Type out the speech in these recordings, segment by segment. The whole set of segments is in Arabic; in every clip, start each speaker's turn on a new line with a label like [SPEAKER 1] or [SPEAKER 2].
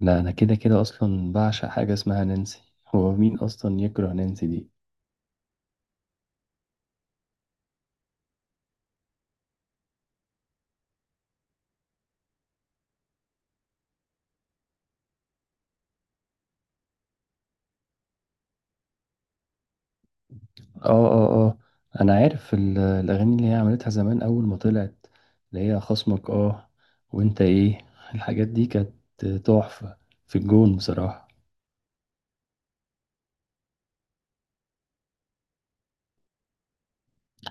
[SPEAKER 1] لا، انا كده كده اصلا بعشق حاجه اسمها نانسي. هو مين اصلا يكره نانسي دي؟ اه. انا عارف الاغاني اللي هي عملتها زمان اول ما طلعت، اللي هي خصمك، اه، وانت ايه. الحاجات دي كانت تحفه، في الجون بصراحه.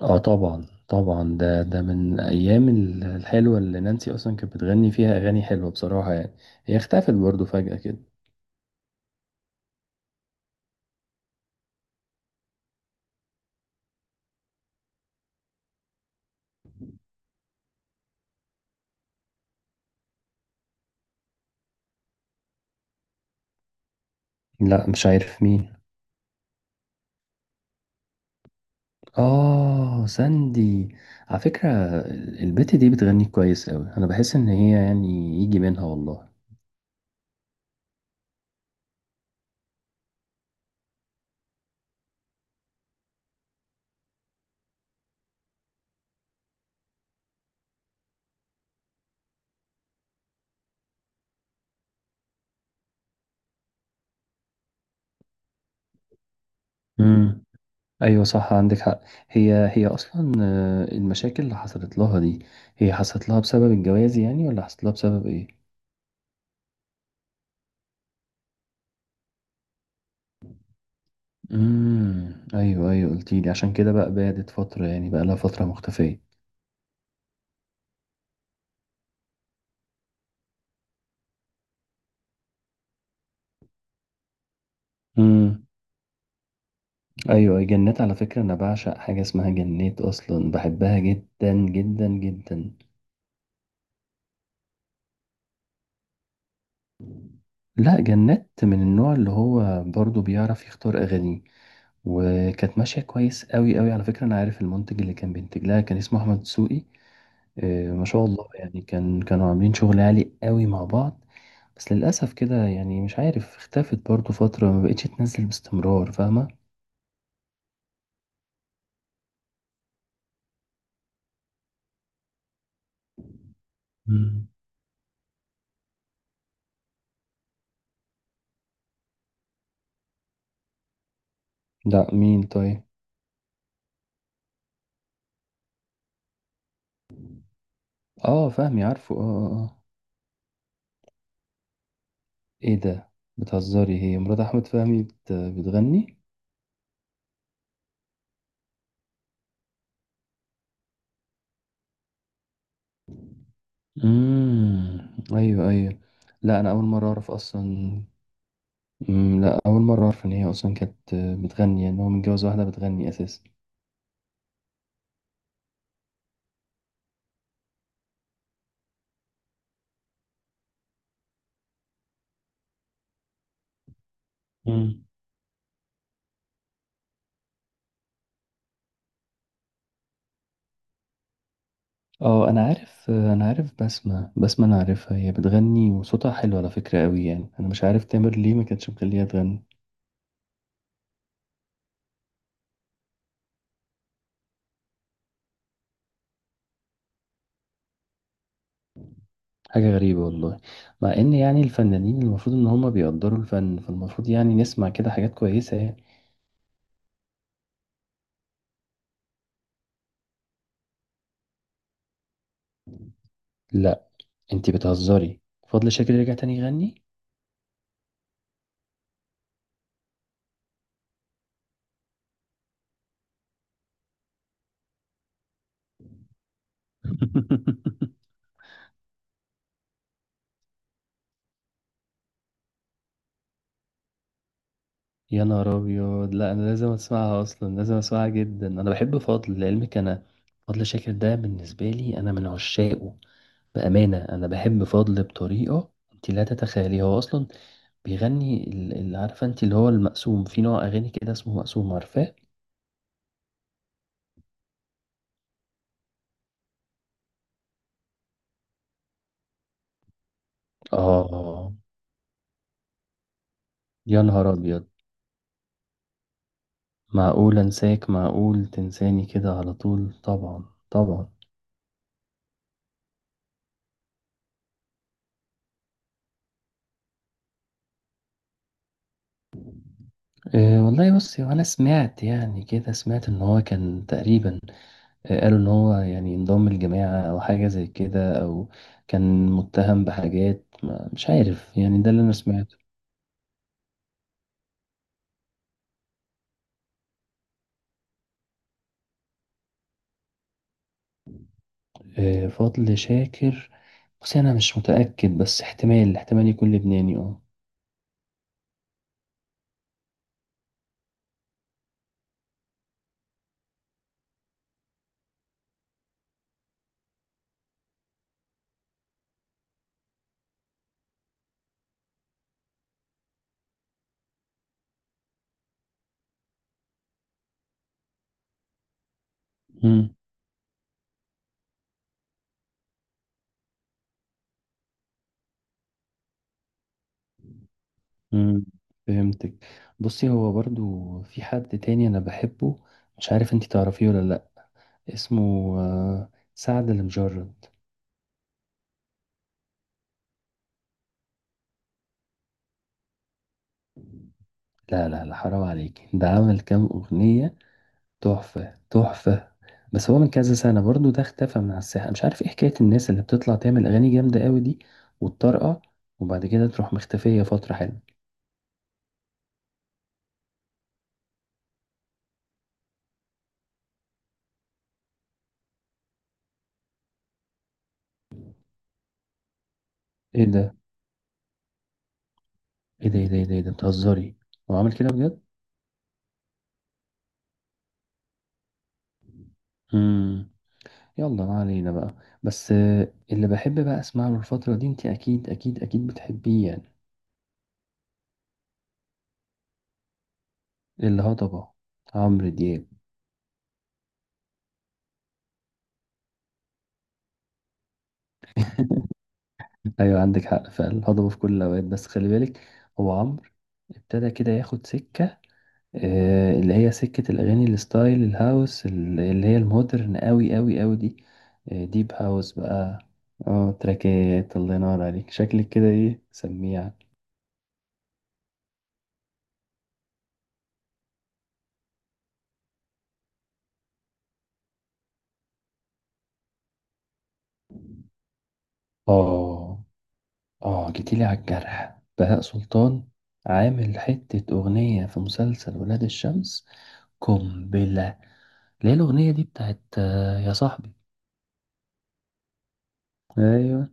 [SPEAKER 1] اه، طبعا طبعا، ده من ايام الحلوه اللي نانسي اصلا كانت بتغني فيها اغاني حلوه بصراحه يعني. هي اختفت برضو فجاه كده. لا، مش عارف مين. آه، ساندي. على فكرة، البت دي بتغني كويس أوي، أنا بحس إن هي يعني يجي منها والله. امم، أيوة صح، عندك حق. هي أصلا المشاكل اللي حصلت لها دي، هي حصلت لها بسبب الجواز يعني ولا حصلت لها بسبب إيه؟ امم، أيوة أيوة، قلتيلي عشان كده بقى بعدت فترة، يعني بقى لها فترة مختفية. امم، أيوة، جنات على فكرة أنا بعشق حاجة اسمها جنات، أصلا بحبها جدا جدا جدا. لا، جنات من النوع اللي هو برضه بيعرف يختار أغانيه. وكانت ماشية كويس قوي قوي، على فكرة أنا عارف المنتج اللي كان بينتج لها كان اسمه أحمد دسوقي. ما شاء الله يعني، كان كانوا عاملين شغل عالي قوي مع بعض. بس للأسف كده يعني مش عارف، اختفت برضه فترة، ما بقتش تنزل باستمرار، فاهمة. مم. لا مين طيب؟ اه، فهمي عارفه، اه اه آه. ايه ده، بتهزري؟ هي مرات أحمد فهمي بتغني؟ امم، ايوه ايوه. لا انا اول مره اعرف اصلا. أمم، لا أول مرة أعرف إن هي أصلا كانت بتغني، يعني هو متجوز واحدة بتغني أساسا. مم. اه أنا عارف، أنا عارف بسمة، بسمة أنا عارفها، هي بتغني وصوتها حلو على فكرة أوي، يعني أنا مش عارف تامر ليه ما كانتش مخليها تغني. حاجة غريبة والله، مع إن يعني الفنانين المفروض إن هما بيقدروا الفن، فالمفروض يعني نسمع كده حاجات كويسة يعني. لا، أنتي بتهزري؟ فضل شاكر يرجع تاني يغني؟ يا نهار ابيض، لا انا لازم اسمعها اصلا، لازم اسمعها جدا، انا بحب فضل لعلمك انا. فضل شاكر ده بالنسبه لي انا من عشاقه. بامانه انا بحب فضل بطريقه انت لا تتخيلي. هو اصلا بيغني اللي عارفه انت اللي هو المقسوم، في نوع اغاني كده اسمه مقسوم، عارفاه. اه. يا نهار ابيض، معقول انساك معقول تنساني كده على طول. طبعا طبعا. إيه والله، بصي وانا سمعت يعني كده، سمعت ان هو كان تقريبا، قالوا ان هو يعني انضم الجماعة او حاجة زي كده، او كان متهم بحاجات مش عارف يعني، ده اللي انا سمعته. فضل شاكر، بس انا مش متأكد، بس احتمال احتمال يكون لبناني اه. مم. مم، فهمتك. بصي هو برضو في حد تاني انا بحبه، مش عارف انتي تعرفيه ولا لا، اسمه سعد المجرد. لا لا لا، حرام عليك، ده عمل كام اغنية تحفة تحفة. بس هو من كذا سنة برضو ده اختفى من على الساحة، مش عارف ايه حكاية الناس اللي بتطلع تعمل أغاني جامدة قوي دي وتطرقع، وبعد كده تروح مختفية فترة حلوة. ايه ده ايه ده، إيه ده؟ بتهزري، هو عامل كده بجد؟ امم. يلا ما علينا بقى. بس اللي بحب بقى اسمع له الفترة دي، انت اكيد اكيد اكيد بتحبيه يعني. الهضبة، عمرو دياب. ايوه عندك حق، فعلا الهضبة في كل الأوقات. بس خلي بالك، هو عمرو ابتدى كده ياخد سكة، اللي هي سكة الأغاني الستايل الهاوس، اللي هي المودرن أوي أوي أوي دي، ديب هاوس بقى. اه تراكات، الله ينور عليك، شكلك كده ايه سميع. اه اه، جيتيلي على الجرح، بهاء سلطان. عامل حتة أغنية في مسلسل ولاد الشمس، قنبلة، اللي هي الأغنية دي بتاعت يا صاحبي. أيوة.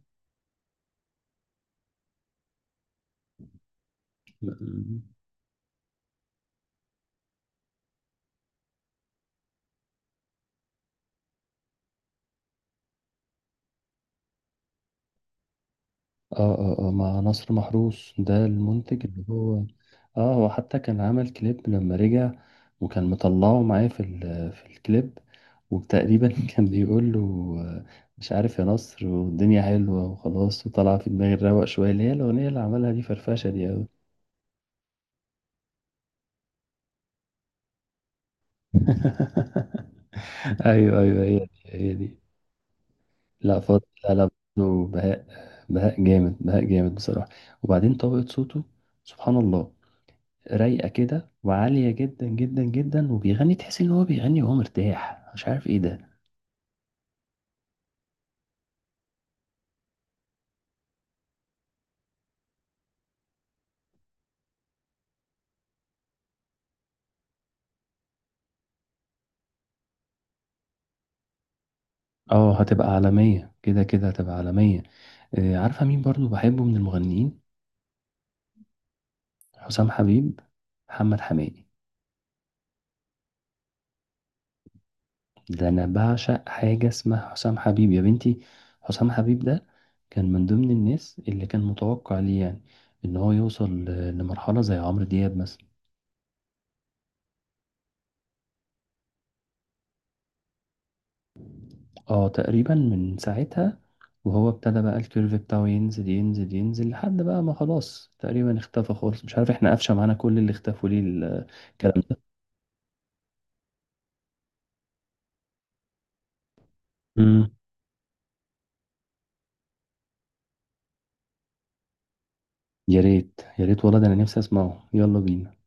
[SPEAKER 1] اه، مع نصر محروس، ده المنتج اللي هو. اه، هو حتى كان عمل كليب لما رجع، وكان مطلعه معاه في في الكليب، وتقريبا كان بيقول له، آه، مش عارف يا نصر والدنيا حلوة وخلاص، وطلع في دماغي الروق شوية، اللي هي الأغنية اللي عملها دي، فرفشة دي أوي. أيوه أيوه، هي دي هي دي. لا فضل لا لا، برضه بهاء، بهاء جامد، بهاء جامد بصراحة. وبعدين طبقة صوته، سبحان الله، رايقه كده وعاليه جدا جدا جدا، وبيغني تحس ان هو بيغني وهو مرتاح، مش عارف ايه ده. اه هتبقى عالميه كده كده، هتبقى عالميه. عارفه مين برضو بحبه من المغنيين؟ حسام حبيب، محمد حماقي. ده انا بعشق حاجه اسمها حسام حبيب يا بنتي. حسام حبيب ده كان من ضمن الناس اللي كان متوقع ليه يعني ان هو يوصل لمرحله زي عمرو دياب مثلا. اه تقريبا من ساعتها، وهو ابتدى بقى الكيرف بتاعه ينزل ينزل ينزل، لحد بقى ما خلاص تقريبا اختفى خالص. مش عارف احنا قفشة معانا كل اللي اختفوا ليه الكلام ده. مم. يا ريت يا ريت والله، ده انا نفسي اسمعه، يلا بينا.